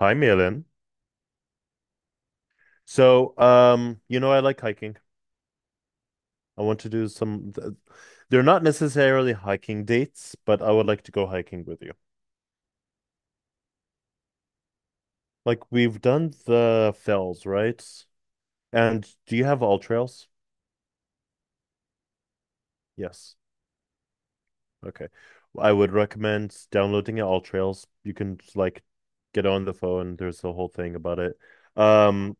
Hi, Malin. So, I like hiking. I want to do some, they're not necessarily hiking dates, but I would like to go hiking with you. Like we've done the fells, right? And do you have all trails? Yes. Okay. I would recommend downloading all trails. You can like get on the phone. There's a whole thing about it. Um,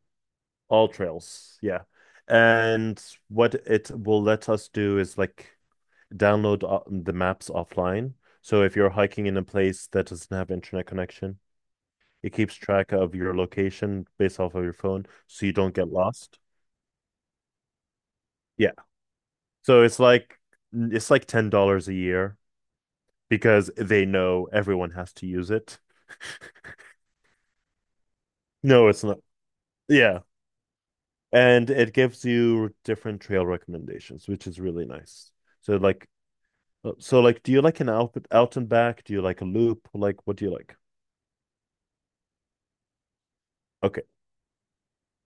all trails. Yeah. And what it will let us do is like download the maps offline. So if you're hiking in a place that doesn't have internet connection, it keeps track of your location based off of your phone, so you don't get lost. Yeah. So it's like $10 a year because they know everyone has to use it. No, it's not. Yeah. And it gives you different trail recommendations, which is really nice. So like so like do you like an out and back? Do you like a loop? Like what do you like? Okay.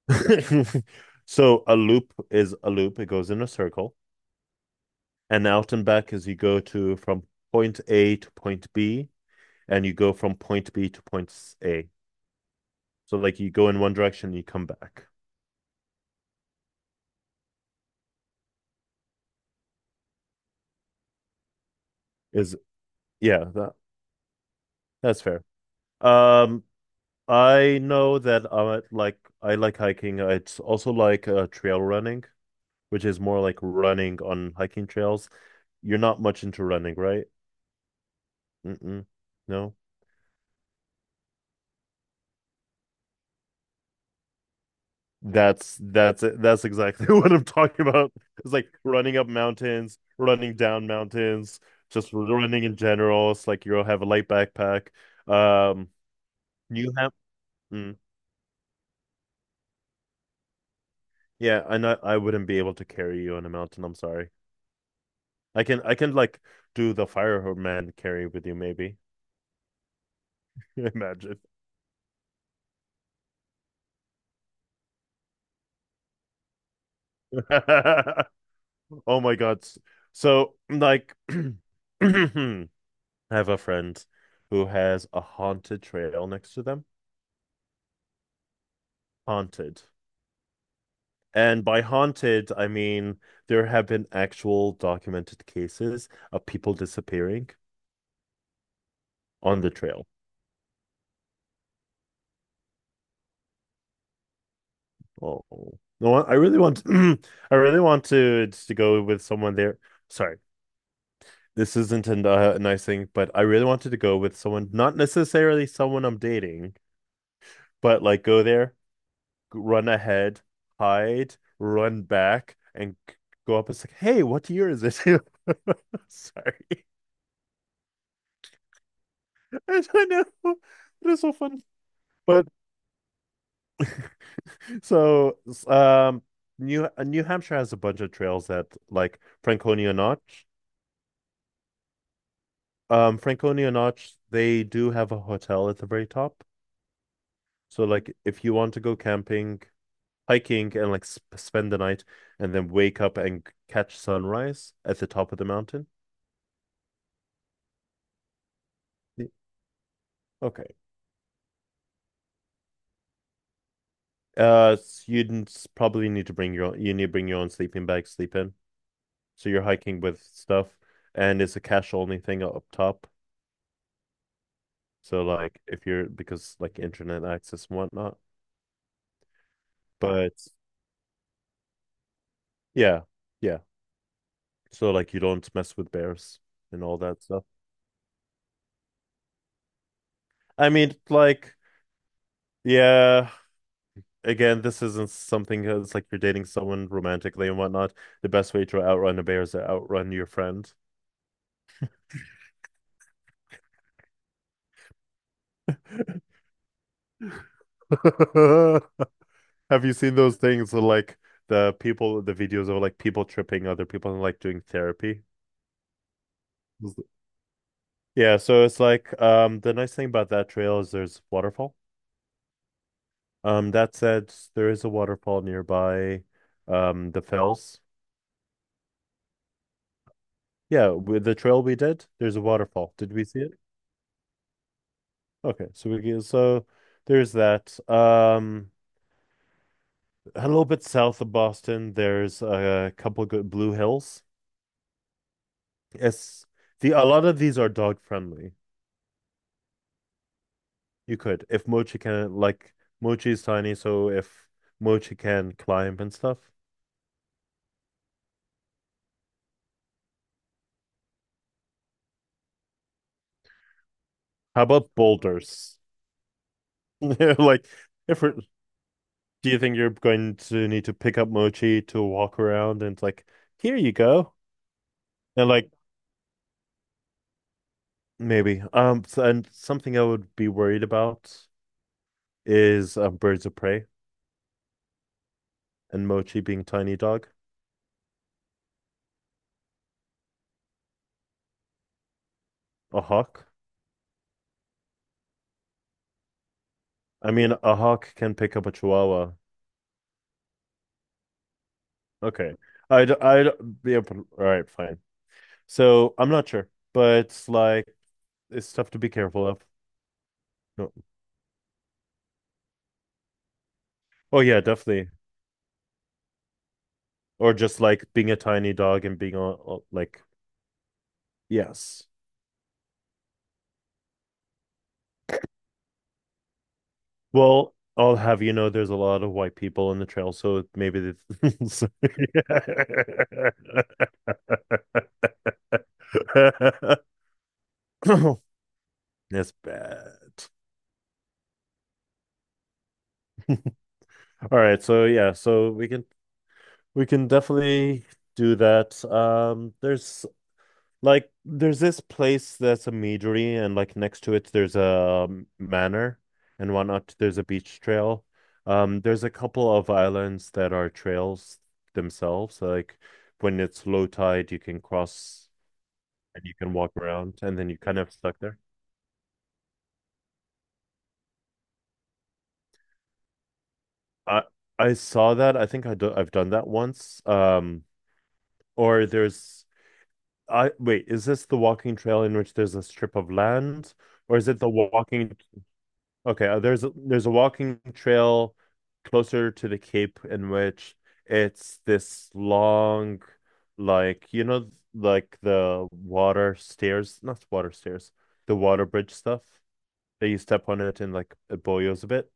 So a loop is a loop. It goes in a circle. And out and back is you go to from point A to point B, and you go from point B to point A. So like you go in one direction, you come back. Is yeah, that's fair. Um, I know that I like hiking. It's also like trail running, which is more like running on hiking trails. You're not much into running, right? Mm-mm. No. That's it. That's exactly what I'm talking about. It's like running up mountains, running down mountains, just running in general. It's like you'll have a light backpack. Um, you have, mm, yeah, I know I wouldn't be able to carry you on a mountain. I'm sorry. I can like do the fireman carry with you maybe. Imagine. Oh my God. So like, I have a friend who has a haunted trail next to them. Haunted. And by haunted, I mean there have been actual documented cases of people disappearing on the trail. Oh, no, I really want to, I really wanted to go with someone there. Sorry, this isn't a nice thing, but I really wanted to go with someone, not necessarily someone I'm dating, but like go there, run ahead, hide, run back, and go up and say, "Hey, what year is it?" Sorry, I don't know. It is so fun. But So, um, New Hampshire has a bunch of trails that like Franconia Notch. Franconia Notch, they do have a hotel at the very top. So, like, if you want to go camping, hiking, and like sp spend the night, and then wake up and catch sunrise at the top of the mountain. Y- Okay. Probably need to bring your own, you need to bring your own sleeping bag, sleep in. So you're hiking with stuff, and it's a cash only thing up top. So like if you're because like internet access and whatnot. But yeah, yeah. So like you don't mess with bears and all that stuff. I mean, like, yeah, again, this isn't something that's like you're dating someone romantically and whatnot. The best way to outrun a bear is to outrun your friend. Have you seen those things with, like the people, the videos of like people tripping other people and like doing therapy? Yeah, so it's like the nice thing about that trail is there's waterfall. That said, there is a waterfall nearby, the Fells. Yeah, with the trail we did, there's a waterfall. Did we see it? Okay, so there's that. A little bit south of Boston, there's a couple good Blue Hills. It's the a lot of these are dog friendly. You could, if Mochi can, like Mochi's tiny, so if Mochi can climb and stuff. How about boulders? Like if we're Do you think you're going to need to pick up Mochi to walk around and it's like, here you go? And like maybe. So, and something I would be worried about is birds of prey and Mochi being tiny dog. A hawk. I mean a hawk can pick up a chihuahua. Okay. I'd be able All right, fine. So I'm not sure, but it's like it's stuff to be careful of. No. Oh yeah, definitely. Or just like being a tiny dog and being all like yes. Well, I'll have you know there's a lot of white people in the trail, so maybe it's that's bad. All right, so yeah, so we can definitely do that. There's this place that's a meadery, and like next to it there's a manor and whatnot. There's a beach trail. There's a couple of islands that are trails themselves, like when it's low tide, you can cross and you can walk around and then you kind of stuck there. I I saw that. I think I do, I've done that once. Or there's I wait, is this the walking trail in which there's a strip of land, or is it the walking? Okay, there's a walking trail closer to the Cape in which it's this long, like you know, like the water stairs, not water stairs, the water bridge stuff that you step on it and like it boils a bit.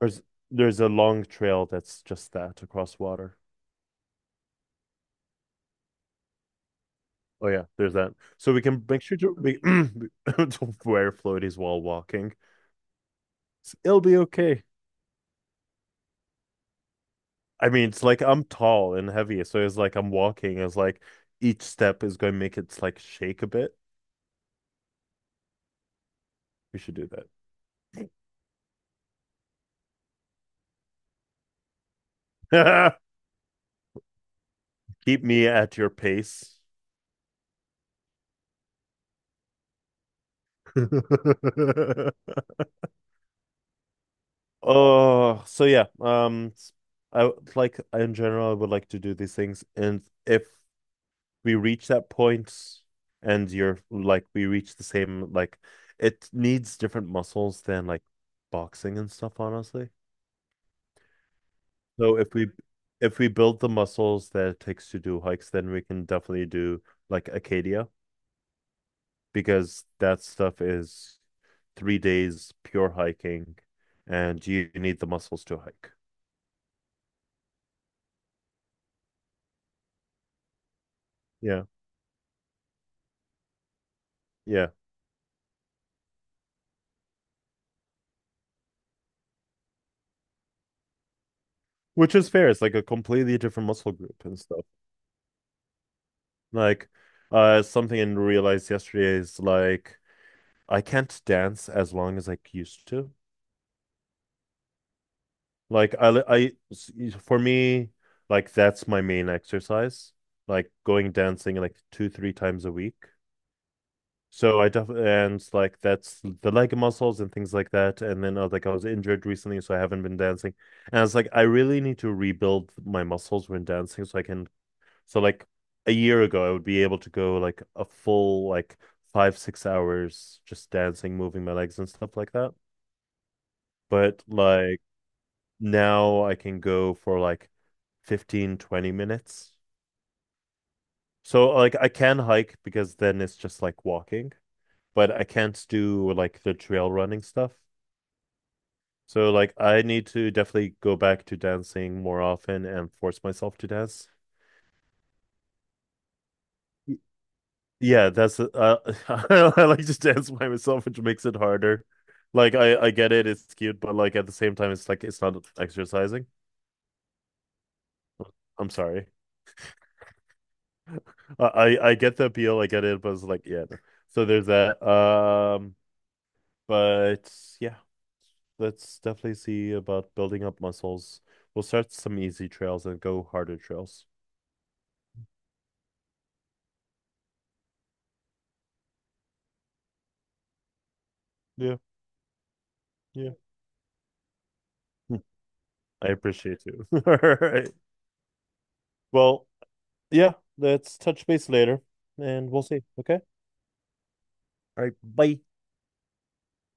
There's there's a long trail that's just that across water. Oh yeah, there's that. So we can make sure to wear floaties while walking. It'll be okay. I mean, it's like I'm tall and heavy, so it's like I'm walking. It's like each step is going to make it like shake a bit. We should do that. Keep me at your pace. Oh, so yeah. I like in general, I would like to do these things, and if we reach that point and you're like we reach the same like it needs different muscles than like boxing and stuff honestly, so if we build the muscles that it takes to do hikes, then we can definitely do like acadia because that stuff is 3 days pure hiking, and you need the muscles to hike. Yeah, yeah, which is fair. It's like a completely different muscle group and stuff. Like something I realized yesterday is like I can't dance as long as I used to. Like I, I, for me, like that's my main exercise. Like going dancing like 2, 3 times a week. So I definitely and like that's the leg muscles and things like that. And then I was injured recently, so I haven't been dancing. And I was like, I really need to rebuild my muscles when dancing, so I can. So like a year ago, I would be able to go like a full like 5, 6 hours just dancing, moving my legs and stuff like that. But like now I can go for like 15, 20 minutes. So like I can hike because then it's just like walking, but I can't do like the trail running stuff. So like I need to definitely go back to dancing more often and force myself to dance. Y- Yeah, that's I like to dance by myself, which makes it harder. Like I get it, it's cute, but like at the same time, it's like it's not exercising. I'm sorry. I I get the appeal, I get it, but it's like, yeah, no. So there's that. But yeah, let's definitely see about building up muscles. We'll start some easy trails and go harder trails. Yeah, yeah. Hmm. I appreciate you. All right. Well, yeah, let's touch base later and we'll see. Okay. All right. Bye.